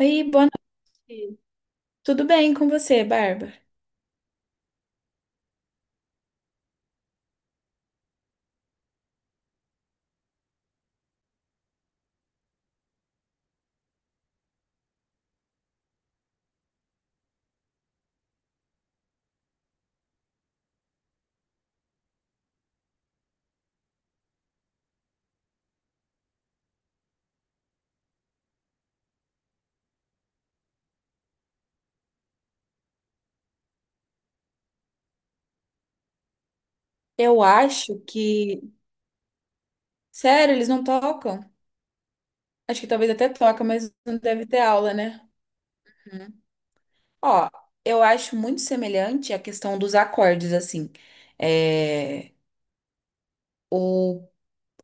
Oi, boa noite. Tudo bem com você, Bárbara? Eu acho que. Sério, eles não tocam? Acho que talvez até toca, mas não deve ter aula, né? Uhum. Ó, eu acho muito semelhante a questão dos acordes, assim. É, o...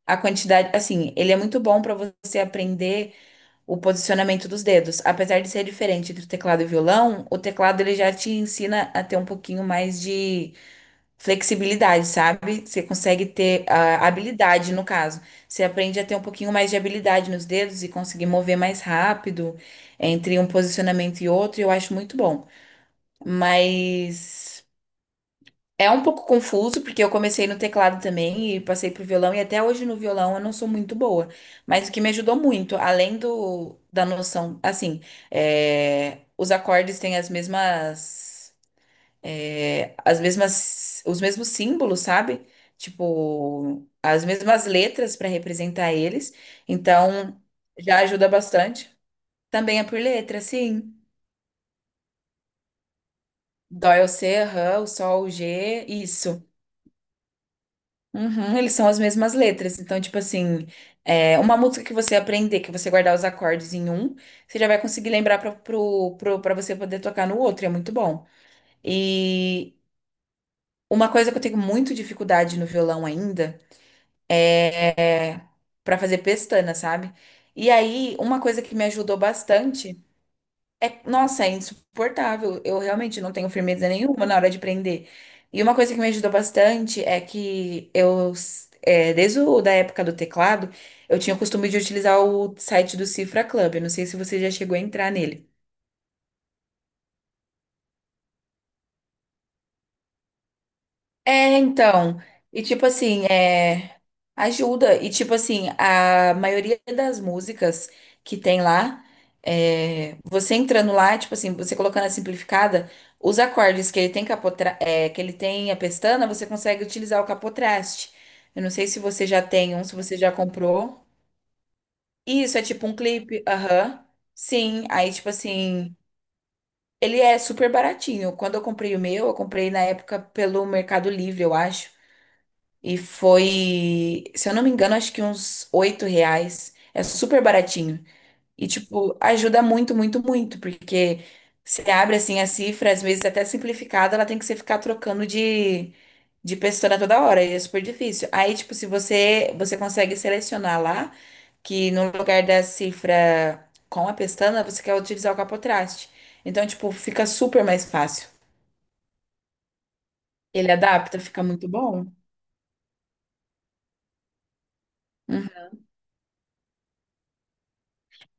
A quantidade, assim, ele é muito bom para você aprender o posicionamento dos dedos. Apesar de ser diferente entre o teclado e o violão, o teclado ele já te ensina a ter um pouquinho mais de flexibilidade, sabe? Você consegue ter a habilidade, no caso. Você aprende a ter um pouquinho mais de habilidade nos dedos e conseguir mover mais rápido entre um posicionamento e outro, e eu acho muito bom. Mas é um pouco confuso, porque eu comecei no teclado também e passei pro violão, e até hoje no violão eu não sou muito boa. Mas o que me ajudou muito, além da noção, assim, os acordes têm as mesmas os mesmos símbolos, sabe? Tipo, as mesmas letras para representar eles. Então, já ajuda bastante. Também é por letra, sim. Dó é o C, rã, o sol, o G, isso. Uhum, eles são as mesmas letras. Então, tipo assim, uma música que você aprender, que você guardar os acordes em um, você já vai conseguir lembrar pra você poder tocar no outro. É muito bom. E uma coisa que eu tenho muito dificuldade no violão ainda. é Pra fazer pestana, sabe? E aí, uma coisa que me ajudou bastante é, nossa, é insuportável. Eu realmente não tenho firmeza nenhuma na hora de prender. E uma coisa que me ajudou bastante é que eu, desde da época do teclado, eu tinha o costume de utilizar o site do Cifra Club. Eu não sei se você já chegou a entrar nele. É, então, e tipo assim, é, ajuda, e tipo assim, a maioria das músicas que tem lá, você entrando lá, tipo assim, você colocando a simplificada, os acordes que ele tem que ele tem a pestana, você consegue utilizar o capotraste. Eu não sei se você já tem um, se você já comprou. Isso, é tipo um clipe, aham. Sim, aí tipo assim, ele é super baratinho. Quando eu comprei o meu, eu comprei na época pelo Mercado Livre, eu acho. E foi, se eu não me engano, acho que uns R$ 8. É super baratinho. E, tipo, ajuda muito, muito, muito. Porque você abre, assim, a cifra, às vezes até simplificada, ela tem que você ficar trocando de pessoa toda hora. E é super difícil. Aí, tipo, se você, você consegue selecionar lá, que no lugar da cifra com a pestana, você quer utilizar o capotraste. Então, tipo, fica super mais fácil. Ele adapta, fica muito bom.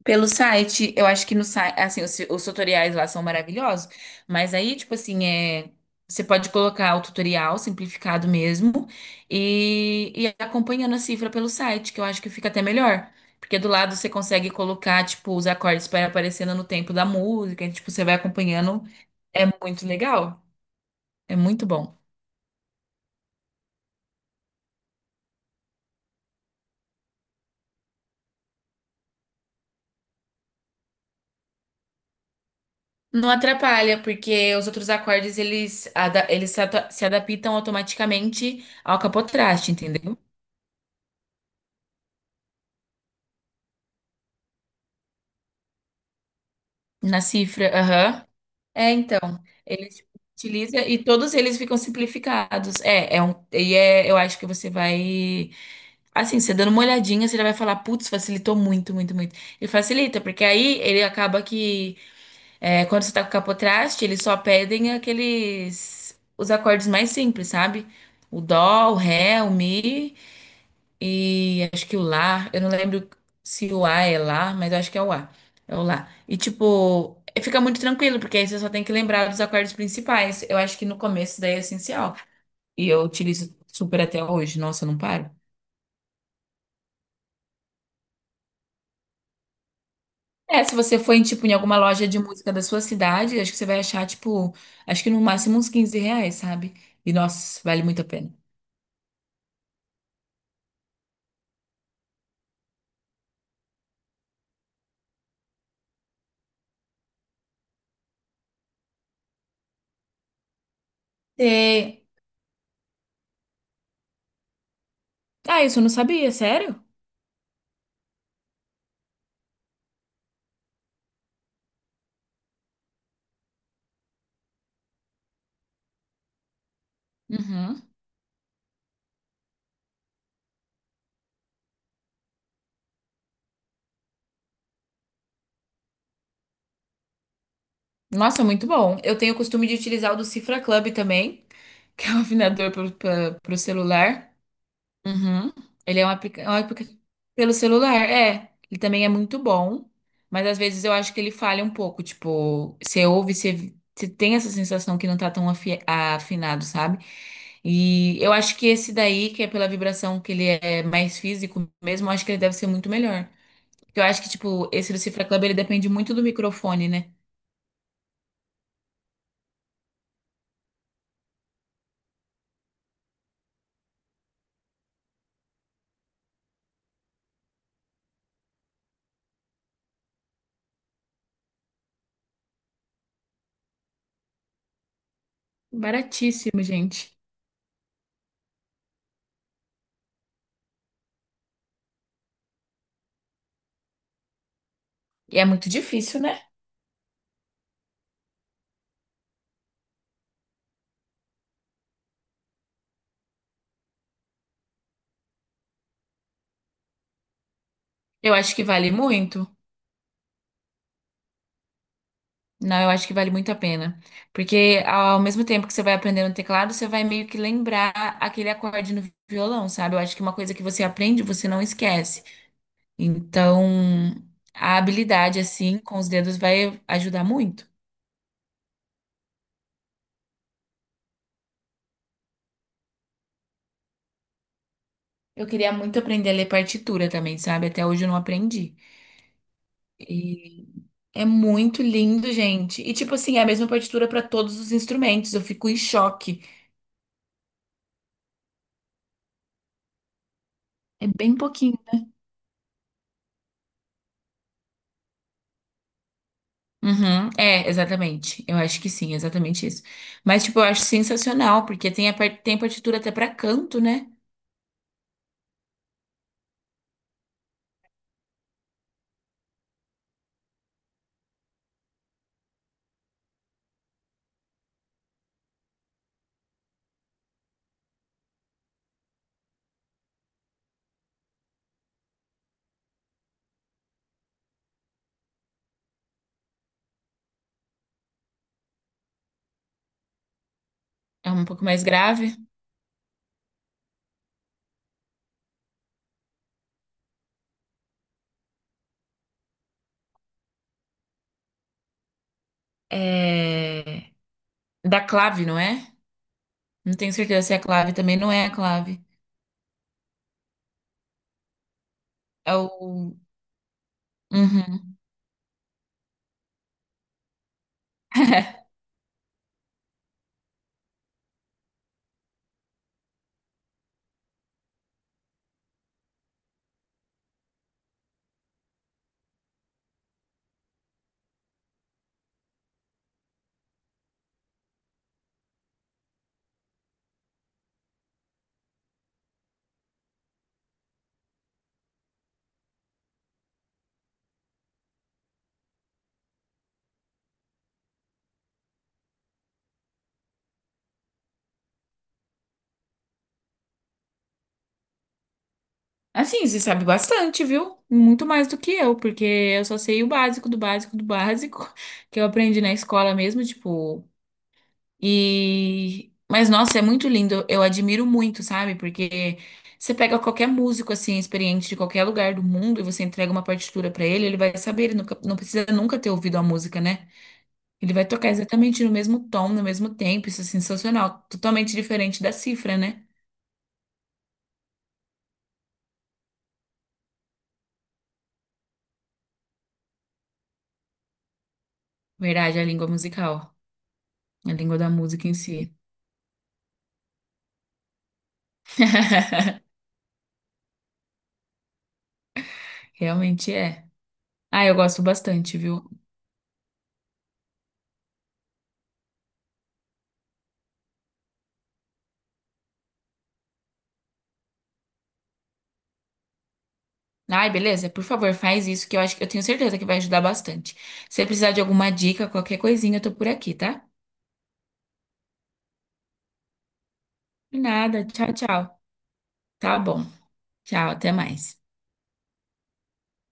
Pelo site, eu acho que no site, assim, os tutoriais lá são maravilhosos, mas aí, tipo assim, você pode colocar o tutorial simplificado mesmo e acompanhando a cifra pelo site, que eu acho que fica até melhor, porque do lado você consegue colocar, tipo, os acordes para aparecendo no tempo da música, e, tipo, você vai acompanhando, é muito legal, é muito bom. Não atrapalha, porque os outros acordes, eles, ada- eles se, ata- se adaptam automaticamente ao capotraste, entendeu? Na cifra, aham. É, então, eles utiliza e todos eles ficam simplificados. Eu acho que você vai, assim, você dando uma olhadinha, você já vai falar, putz, facilitou muito, muito, muito. Ele facilita, porque aí ele acaba que, quando você tá com capotraste, eles só pedem aqueles, os acordes mais simples, sabe? O dó, o ré, o mi e acho que o lar, eu não lembro se o A é lá, mas eu acho que é o A. É o lá. E tipo, fica muito tranquilo, porque aí você só tem que lembrar dos acordes principais. Eu acho que no começo daí é essencial. E eu utilizo super até hoje. Nossa, eu não paro. É, se você for em, tipo, em alguma loja de música da sua cidade, acho que você vai achar, tipo, acho que no máximo uns R$ 15, sabe? E nossa, vale muito a pena. E... Ah, isso eu não sabia, sério? Uhum. Nossa, muito bom. Eu tenho o costume de utilizar o do Cifra Club também, que é um afinador para o celular. Uhum. Ele é um aplica- Pelo celular, é. Ele também é muito bom, mas às vezes eu acho que ele falha um pouco. Tipo, você tem essa sensação que não tá tão afinado, sabe? E eu acho que esse daí, que é pela vibração que ele é mais físico mesmo, eu acho que ele deve ser muito melhor. Porque eu acho que, tipo, esse do Cifra Club, ele depende muito do microfone, né? Baratíssimo, gente. E é muito difícil, né? Eu acho que vale muito. Não, eu acho que vale muito a pena. Porque ao mesmo tempo que você vai aprender no teclado, você vai meio que lembrar aquele acorde no violão, sabe? Eu acho que uma coisa que você aprende, você não esquece. Então, a habilidade, assim, com os dedos vai ajudar muito. Eu queria muito aprender a ler partitura também, sabe? Até hoje eu não aprendi. E é muito lindo, gente. E, tipo assim, é a mesma partitura para todos os instrumentos. Eu fico em choque. É bem pouquinho. Uhum, é, exatamente. Eu acho que sim, exatamente isso. Mas, tipo, eu acho sensacional, porque tem, tem partitura até pra canto, né? É um pouco mais grave. É... Da clave, não é? Não tenho certeza se é a clave, também não é a clave. É o. Uhum. Assim, você sabe bastante, viu? Muito mais do que eu, porque eu só sei o básico do básico do básico, que eu aprendi na escola mesmo, tipo. E mas nossa, é muito lindo. Eu admiro muito, sabe? Porque você pega qualquer músico assim experiente de qualquer lugar do mundo e você entrega uma partitura pra ele, ele vai saber, ele nunca, não precisa nunca ter ouvido a música, né? Ele vai tocar exatamente no mesmo tom, no mesmo tempo. Isso é sensacional, totalmente diferente da cifra, né? Verdade, a língua musical, a língua da música em si. Realmente é. Ah, eu gosto bastante, viu? Ai, beleza? Por favor, faz isso que eu acho que eu tenho certeza que vai ajudar bastante. Se você precisar de alguma dica, qualquer coisinha, eu tô por aqui, tá? De nada. Tchau, tchau. Tá bom. Tchau, até mais.